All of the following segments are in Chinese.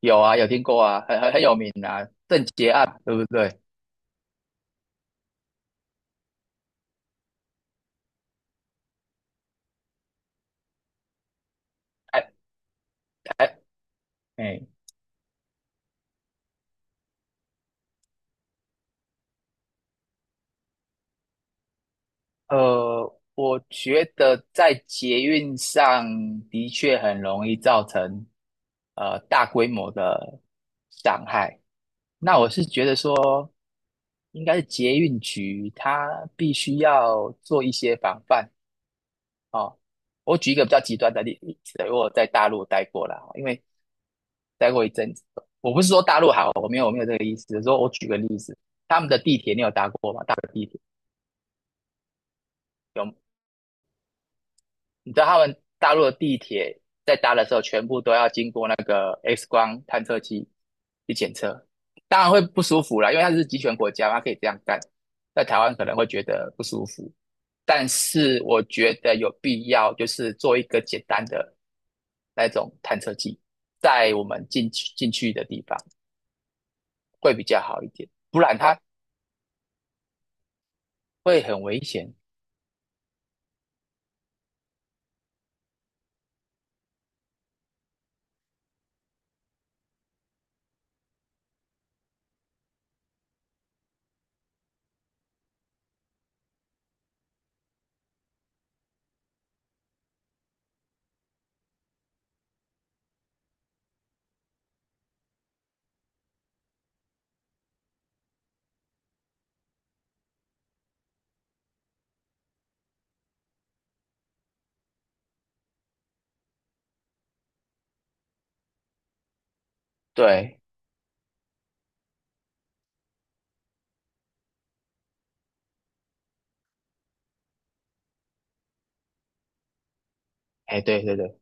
有啊，有听过啊，很有名啊，郑捷案对不对？台台哎，我觉得在捷运上的确很容易造成大规模的伤害。那我是觉得说，应该是捷运局它必须要做一些防范。哦，我举一个比较极端的例子，我有在大陆待过啦，因为待过一阵子。我不是说大陆好，我没有这个意思，只是说我举个例子，他们的地铁你有搭过吗？大陆的地铁有，你知道他们大陆的地铁在搭的时候，全部都要经过那个 X 光探测器去检测，当然会不舒服啦，因为它是集权国家，它可以这样干。在台湾可能会觉得不舒服，但是我觉得有必要，就是做一个简单的那种探测器，在我们进去的地方会比较好一点，不然它会很危险。对，哎，对对对，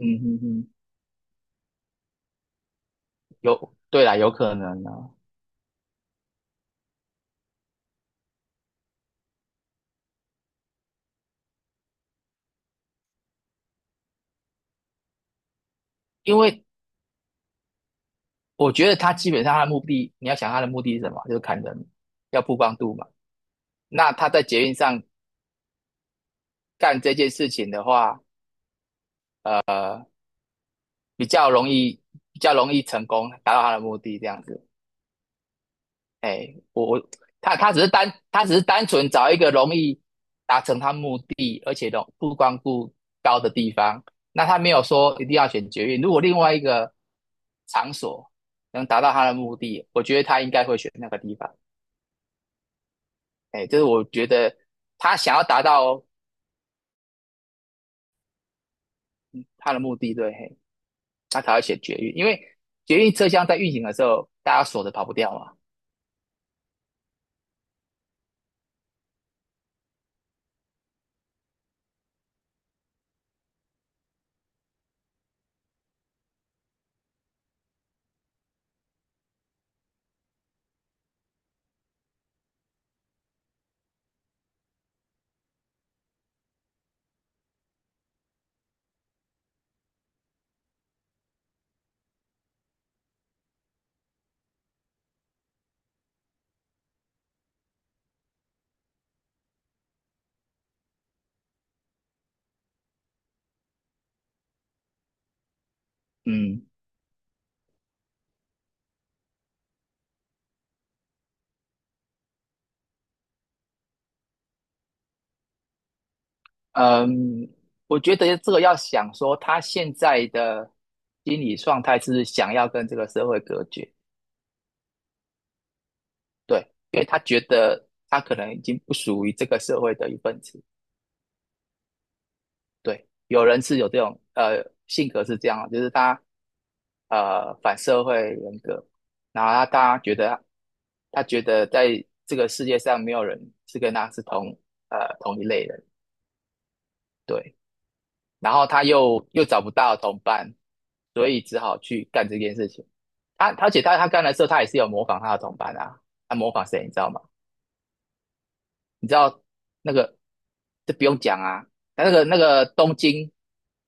嗯嗯嗯，有，对啦，有可能啊，因为我觉得他基本上他的目的，你要想他的目的是什么，就是砍人，要曝光度嘛。那他在捷运上干这件事情的话，比较容易，比较容易成功，达到他的目的，这样子。哎，他只是单纯找一个容易达成他目的，而且容不光顾高的地方。那他没有说一定要选捷运。如果另外一个场所能达到他的目的，我觉得他应该会选那个地方。哎，这是我觉得他想要达到他的目的，对，嘿，他才会选捷运，因为捷运车厢在运行的时候，大家锁着跑不掉嘛。嗯。嗯，我觉得这个要想说他现在的心理状态是想要跟这个社会隔绝，对，因为他觉得他可能已经不属于这个社会的一份子，对，有人是有这种性格是这样，就是他反社会人格，然后他觉得在这个世界上没有人是跟他是同一类人，对。然后他又找不到同伴，所以只好去干这件事情。他而且他干的时候，他也是有模仿他的同伴啊，他模仿谁你知道吗？你知道那个这不用讲啊，他那个东京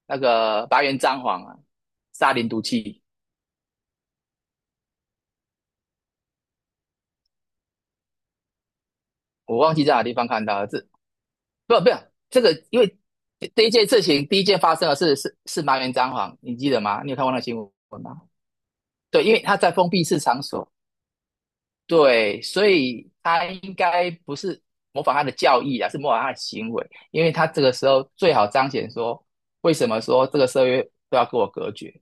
那个白猿张皇啊，沙林毒气，我忘记在哪地方看到了，这不不这个因为。第一件事情，第一件发生的是麻原彰晃，你记得吗？你有看过那个新闻吗？对，因为他在封闭式场所，对，所以他应该不是模仿他的教义啊，是模仿他的行为，因为他这个时候最好彰显说，为什么说这个社会都要跟我隔绝，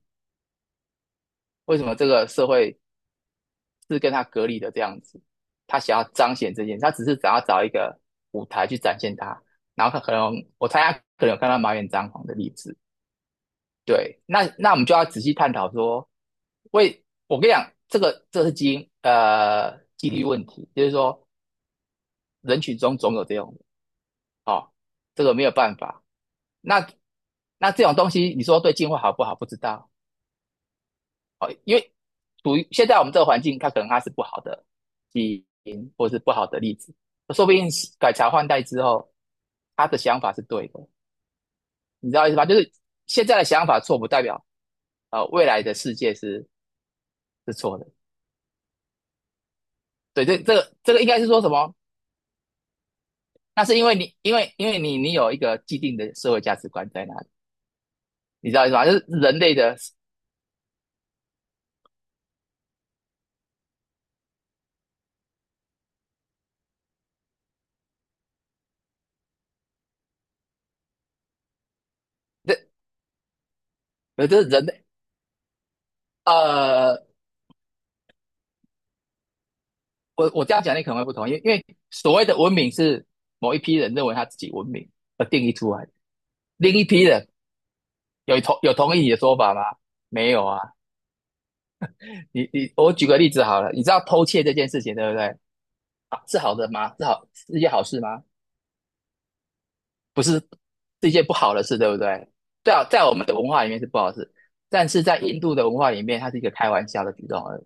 为什么这个社会是跟他隔离的这样子，他想要彰显这件事，他只是想要找一个舞台去展现他，然后他可能我猜他可能有看到麻原张狂的例子，对，那我们就要仔细探讨说，为我跟你讲，这是基因几率问题，就是说人群中总有这种人。哦，这个没有办法。那那这种东西，你说对进化好不好？不知道哦，因为处于现在我们这个环境，它可能它是不好的基因，或是不好的例子，说不定改朝换代之后，他的想法是对的，你知道意思吧？就是现在的想法错，不代表未来的世界是错的。对，这个应该是说什么？那是因为你因为你有一个既定的社会价值观在那里，你知道意思吧？就是人类的这这是人类呃我这样讲你可能会不同意，因为所谓的文明是某一批人认为他自己文明而定义出来的，另一批人有同意你的说法吗？没有啊，你我举个例子好了，你知道偷窃这件事情对不对？啊，是好的吗？是一件好事吗？不是，是一件不好的事，对不对？对啊，在我们的文化里面是不好事，但是在印度的文化里面，它是一个开玩笑的举动而已，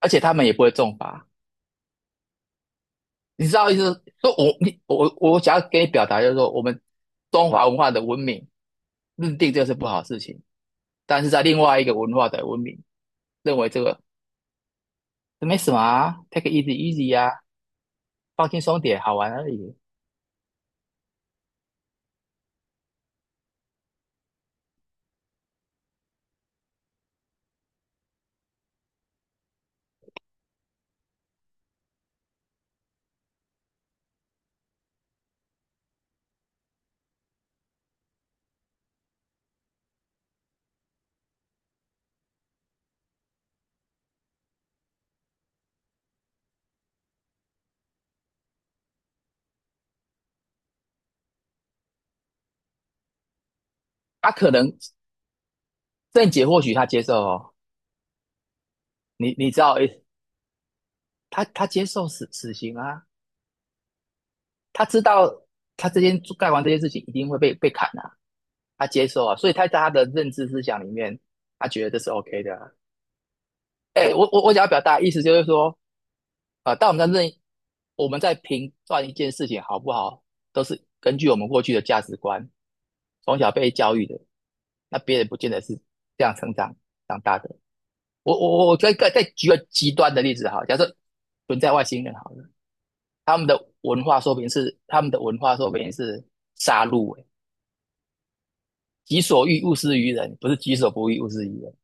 而且他们也不会重罚，你知道意思？你我我想要给你表达，就是说我们中华文化的文明认定这是不好的事情，但是在另外一个文化的文明认为这个没什么啊，take it easy easy 啊，放轻松点，好玩而已。他、可能郑姐或许他接受哦，你知道诶，他接受死刑啊，他知道他干完这件事情一定会被砍啊，他接受啊，所以他在他的认知思想里面，他觉得这是 OK 的啊、哎、欸我想要表达的意思就是说，啊，但我们在评断一件事情好不好，都是根据我们过去的价值观，从小被教育的，那别人不见得是这样长大的。我再举个极端的例子哈，假设存在外星人好了，他们的文化说明是杀戮、欸，己所欲勿施于人，不是己所不欲勿施于人。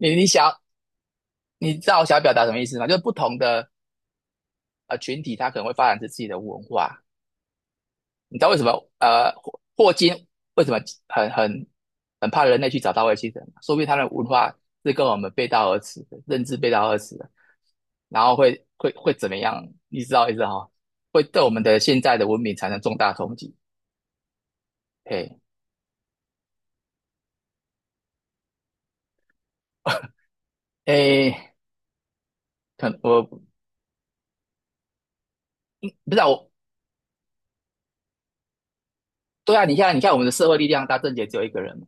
你你知道我想表达什么意思吗？就是不同的群体，他可能会发展出自己的文化。你知道为什么呃霍金为什么很很很怕人类去找到外星人吗？说不定他的文化是跟我们背道而驰的，认知背道而驰的，然后会怎么样？你知道意思哈？会对我们的现在的文明产生重大冲击。嘿，诶，可我不知道我，对啊，你看你看我们的社会力量大，正结只有一个人嘛，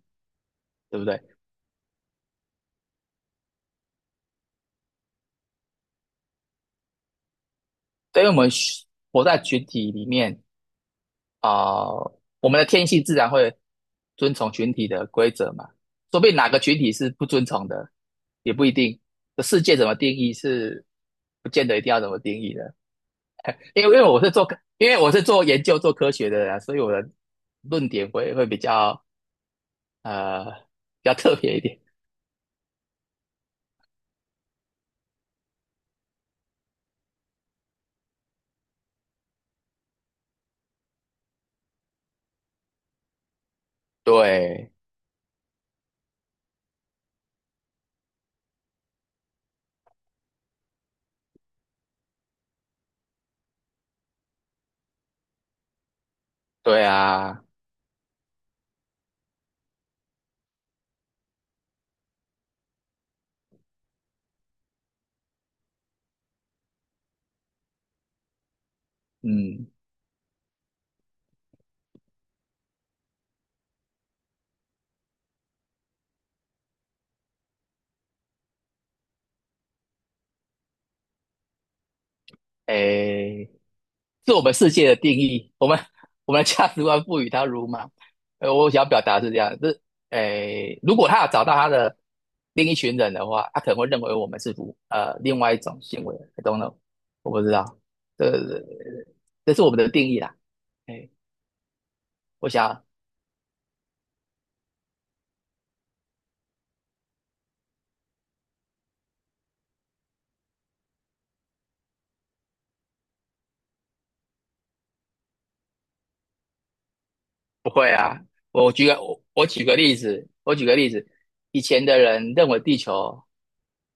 对不对？对于我们群活在群体里面，啊、呃我们的天性自然会遵从群体的规则嘛，说不定哪个群体是不遵从的，也不一定。这世界怎么定义是不见得一定要怎么定义的，因为我是做因为我是做研究做科学的人啊，所以我的论点会比较呃比较特别一点。对对啊，嗯，诶，是我们世界的定义，我们的价值观赋予它如嘛。我想要表达是这样，诶，如果他要找到他的另一群人的话，他可能会认为我们是不呃另外一种行为，I don't know，我不知道，这这是我们的定义啦。诶，我想不会啊，我举个我我举个例子，我举个例子，以前的人认为地球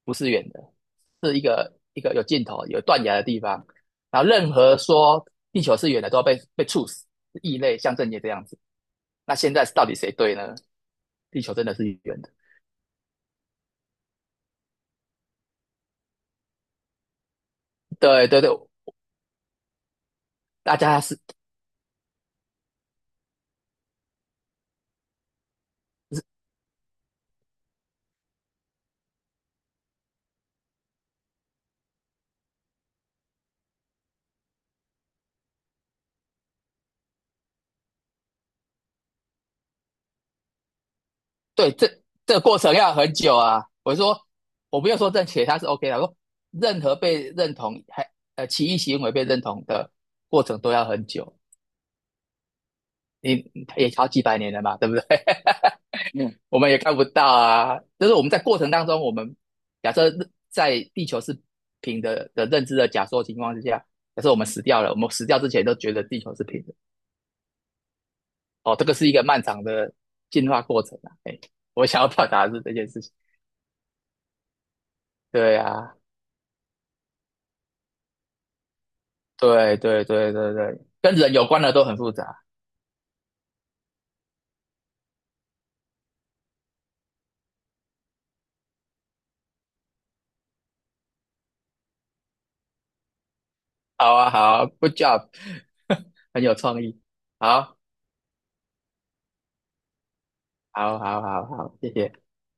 不是圆的，是一个有尽头、有断崖的地方，然后任何说地球是圆的都要被处死，是异类，像正业这样子。那现在到底谁对呢？地球真的是圆的，对对对，大家是对，这个过程要很久啊。我说，我不要说正确，他是 OK 的。我说，任何被认同还歧义行为被认同的过程都要很久，你也好几百年了嘛，对不对？嗯我们也看不到啊。就是我们在过程当中，我们假设在地球是平的的认知的假说情况之下，假设我们死掉了，我们死掉之前都觉得地球是平的。哦，这个是一个漫长的进化过程啊。哎，我想要表达的是这件事情。对啊，对对对对对，跟人有关的都很复杂。好啊，好 good job，很有创意。好，好，好，好，好，谢谢。